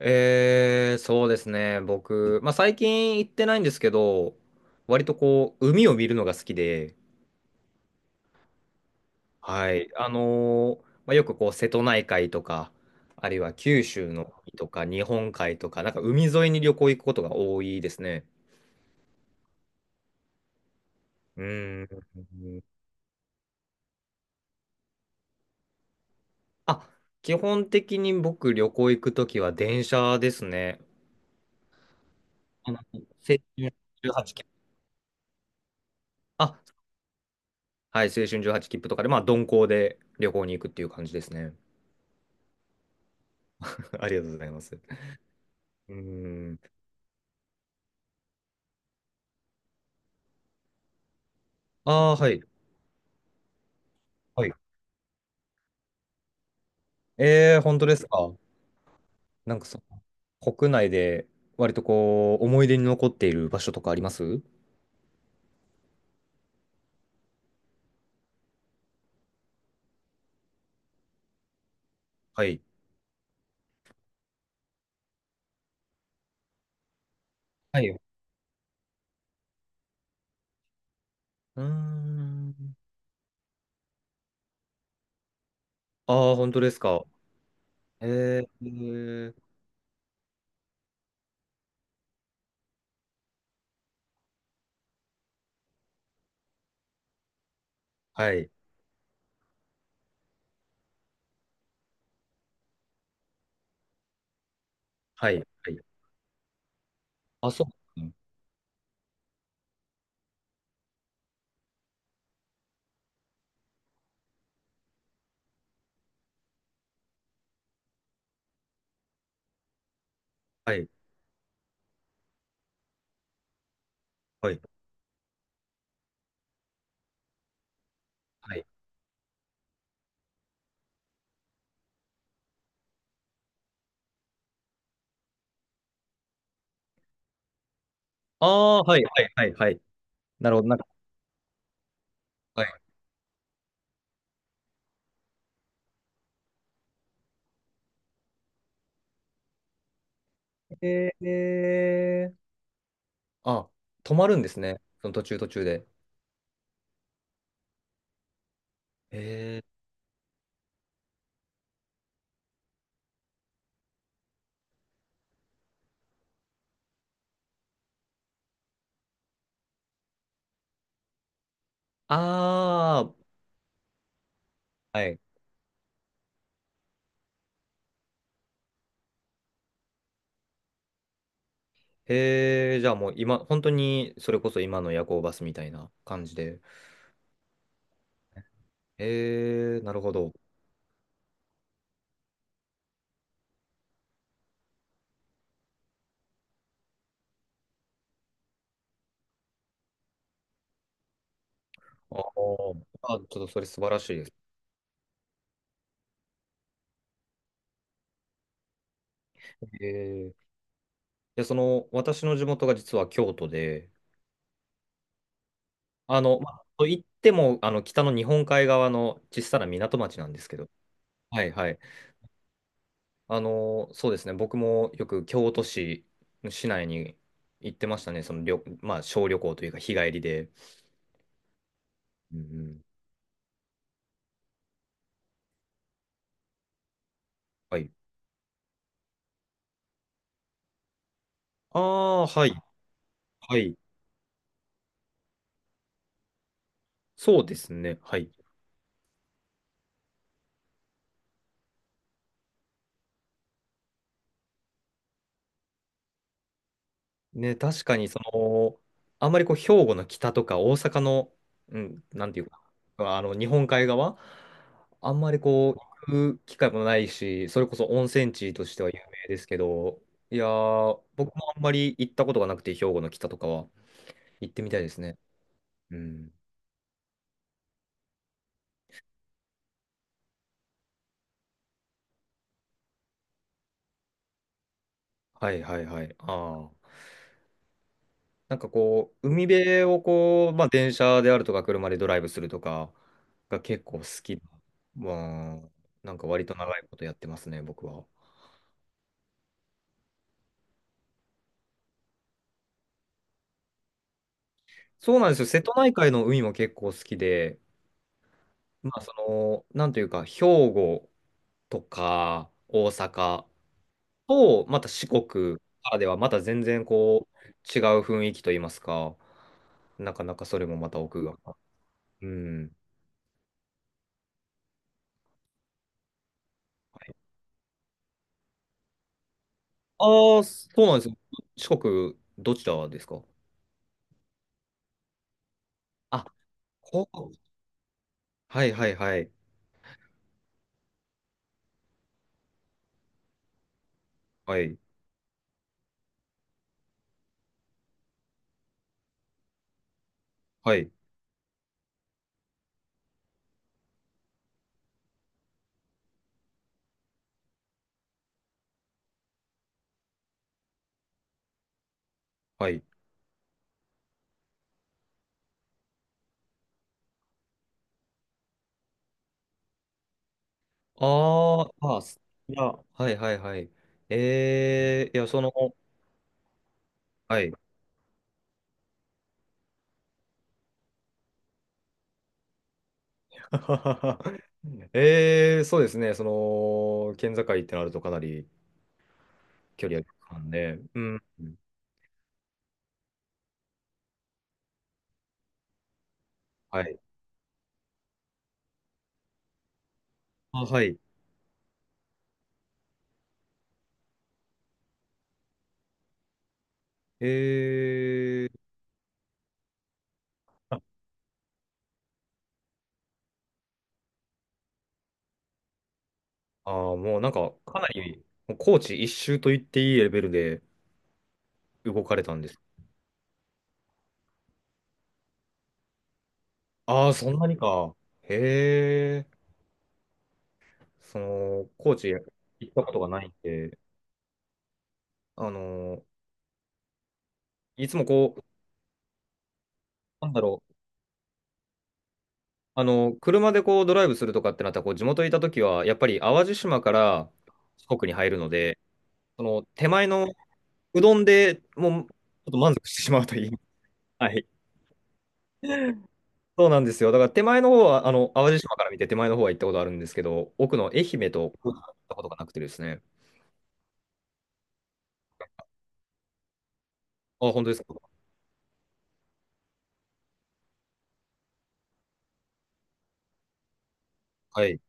そうですね。僕、まあ、最近行ってないんですけど、割とこう、海を見るのが好きで、はい。あの、まあ、よくこう、瀬戸内海とか、あるいは九州の海とか、日本海とか、なんか海沿いに旅行行くことが多いですね。うーん。あ、基本的に僕、旅行行くときは電車ですね。あの、青春18切符。あ、はい、青春18切符とかで、まあ、鈍行で旅行に行くっていう感じですね。ありがとうございます。うーん。ああ、はい。はい。えー、本当ですか。なんかその、国内で割とこう、思い出に残っている場所とかありますはい。はい。うーん。ああ、本当ですか。えー、えーはい。はい。はい。あ、そううんはい。はい。はい。ああ、はい。はい。はい。はい。なるほど。なんか、はい。えー、えーあ、止まるんですね。その途中途中で。えー、ああ、はい。へえ、じゃあもう今、本当にそれこそ今の夜行バスみたいな感じで。へえ、なるほど。ああ、あちょっとそれ素晴らしいです。へえ。で、その、私の地元が実は京都で、あの、まあ、と言っても、あの、北の日本海側の小さな港町なんですけど、はいはい。あの、そうですね、僕もよく京都市、市内に行ってましたね、その旅、まあ、小旅行というか、日帰りで。うんうん、はい。ああ、はい、はい。そうですね、はい。ね、確かに、その、あんまりこう、兵庫の北とか大阪の、うん、なんていうか、あの、日本海側、あんまりこう、行く機会もないし、それこそ温泉地としては有名ですけど、いやー、僕もあんまり行ったことがなくて、兵庫の北とかは行ってみたいですね。うん。はいはいはい。ああ。なんかこう、海辺をこう、まあ、電車であるとか、車でドライブするとかが結構好きな。まあ、なんか割と長いことやってますね、僕は。そうなんですよ。瀬戸内海の海も結構好きで、まあ、その、なんというか、兵庫とか大阪と、また四国からでは、また全然こう、違う雰囲気といいますか、なかなかそれもまた奥が。うん。ああ、そうなんですよ。四国、どちらですかあ、ここ。はいはいはい。はい。はい。はい。あーあ、すいや、はいはいはい。えー、いや、その、はい。ええそうですね。その、県境ってなるとかなり距離あるんで、うん。はい。あ、はい。えーあ、あーもうなんか、かなり、もう高知一周と言っていいレベルで動かれたんです。ああ、そんなにか。へえ、その、高知行ったことがないんで、あの、いつもこう、なんだろう、あの、車でこうドライブするとかってなったら、こう、地元にいた時は、やっぱり淡路島から四国に入るので、その手前のうどんでもうちょっと満足してしまうといい。はい。そうなんですよ。だから手前の方は、あの、淡路島から見て手前の方は行ったことあるんですけど、奥の愛媛と行ったことがなくてですね。あ、本当ですか。はい。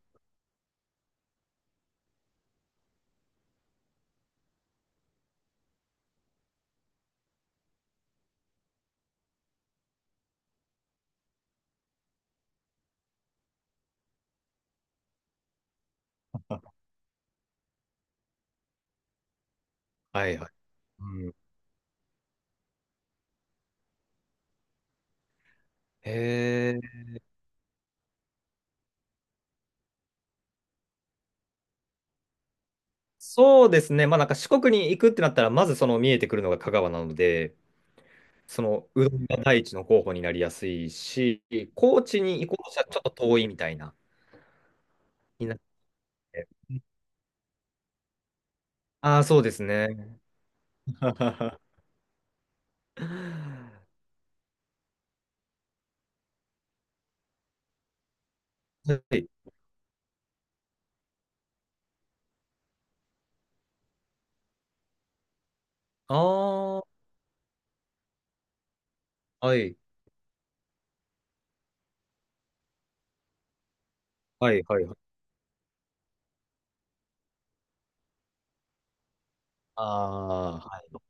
はいはい。うん。へえ。そうですね。まあなんか四国に行くってなったら、まずその見えてくるのが香川なので、そのうどんが第一の候補になりやすいし、高知に行こうとしたらちょっと遠いみたいな、になって。ああ、そうですね。はい。ああ、はい。はい、はい、はい。ああはい。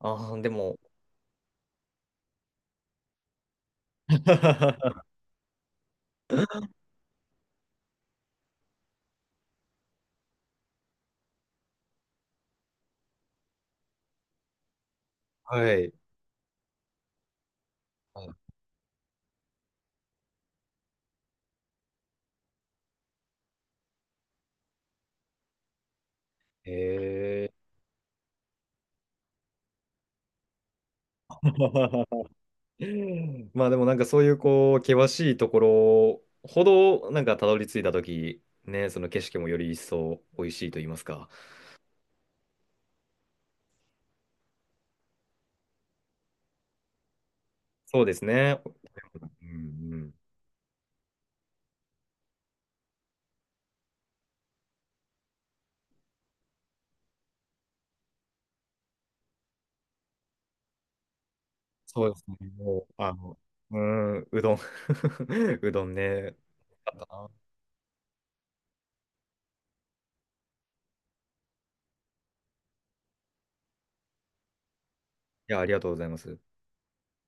ああ、でも、あ。はいはいはいあはいああでもはいはいへえ。まあでもなんかそういうこう、険しいところほど、なんかたどり着いたとき、ね、その景色もより一層美味しいと言いますか。そうですね。うんうん。そうですね。もう、あの、うん、うどん。うどんね。あったないや、ありがとうございます。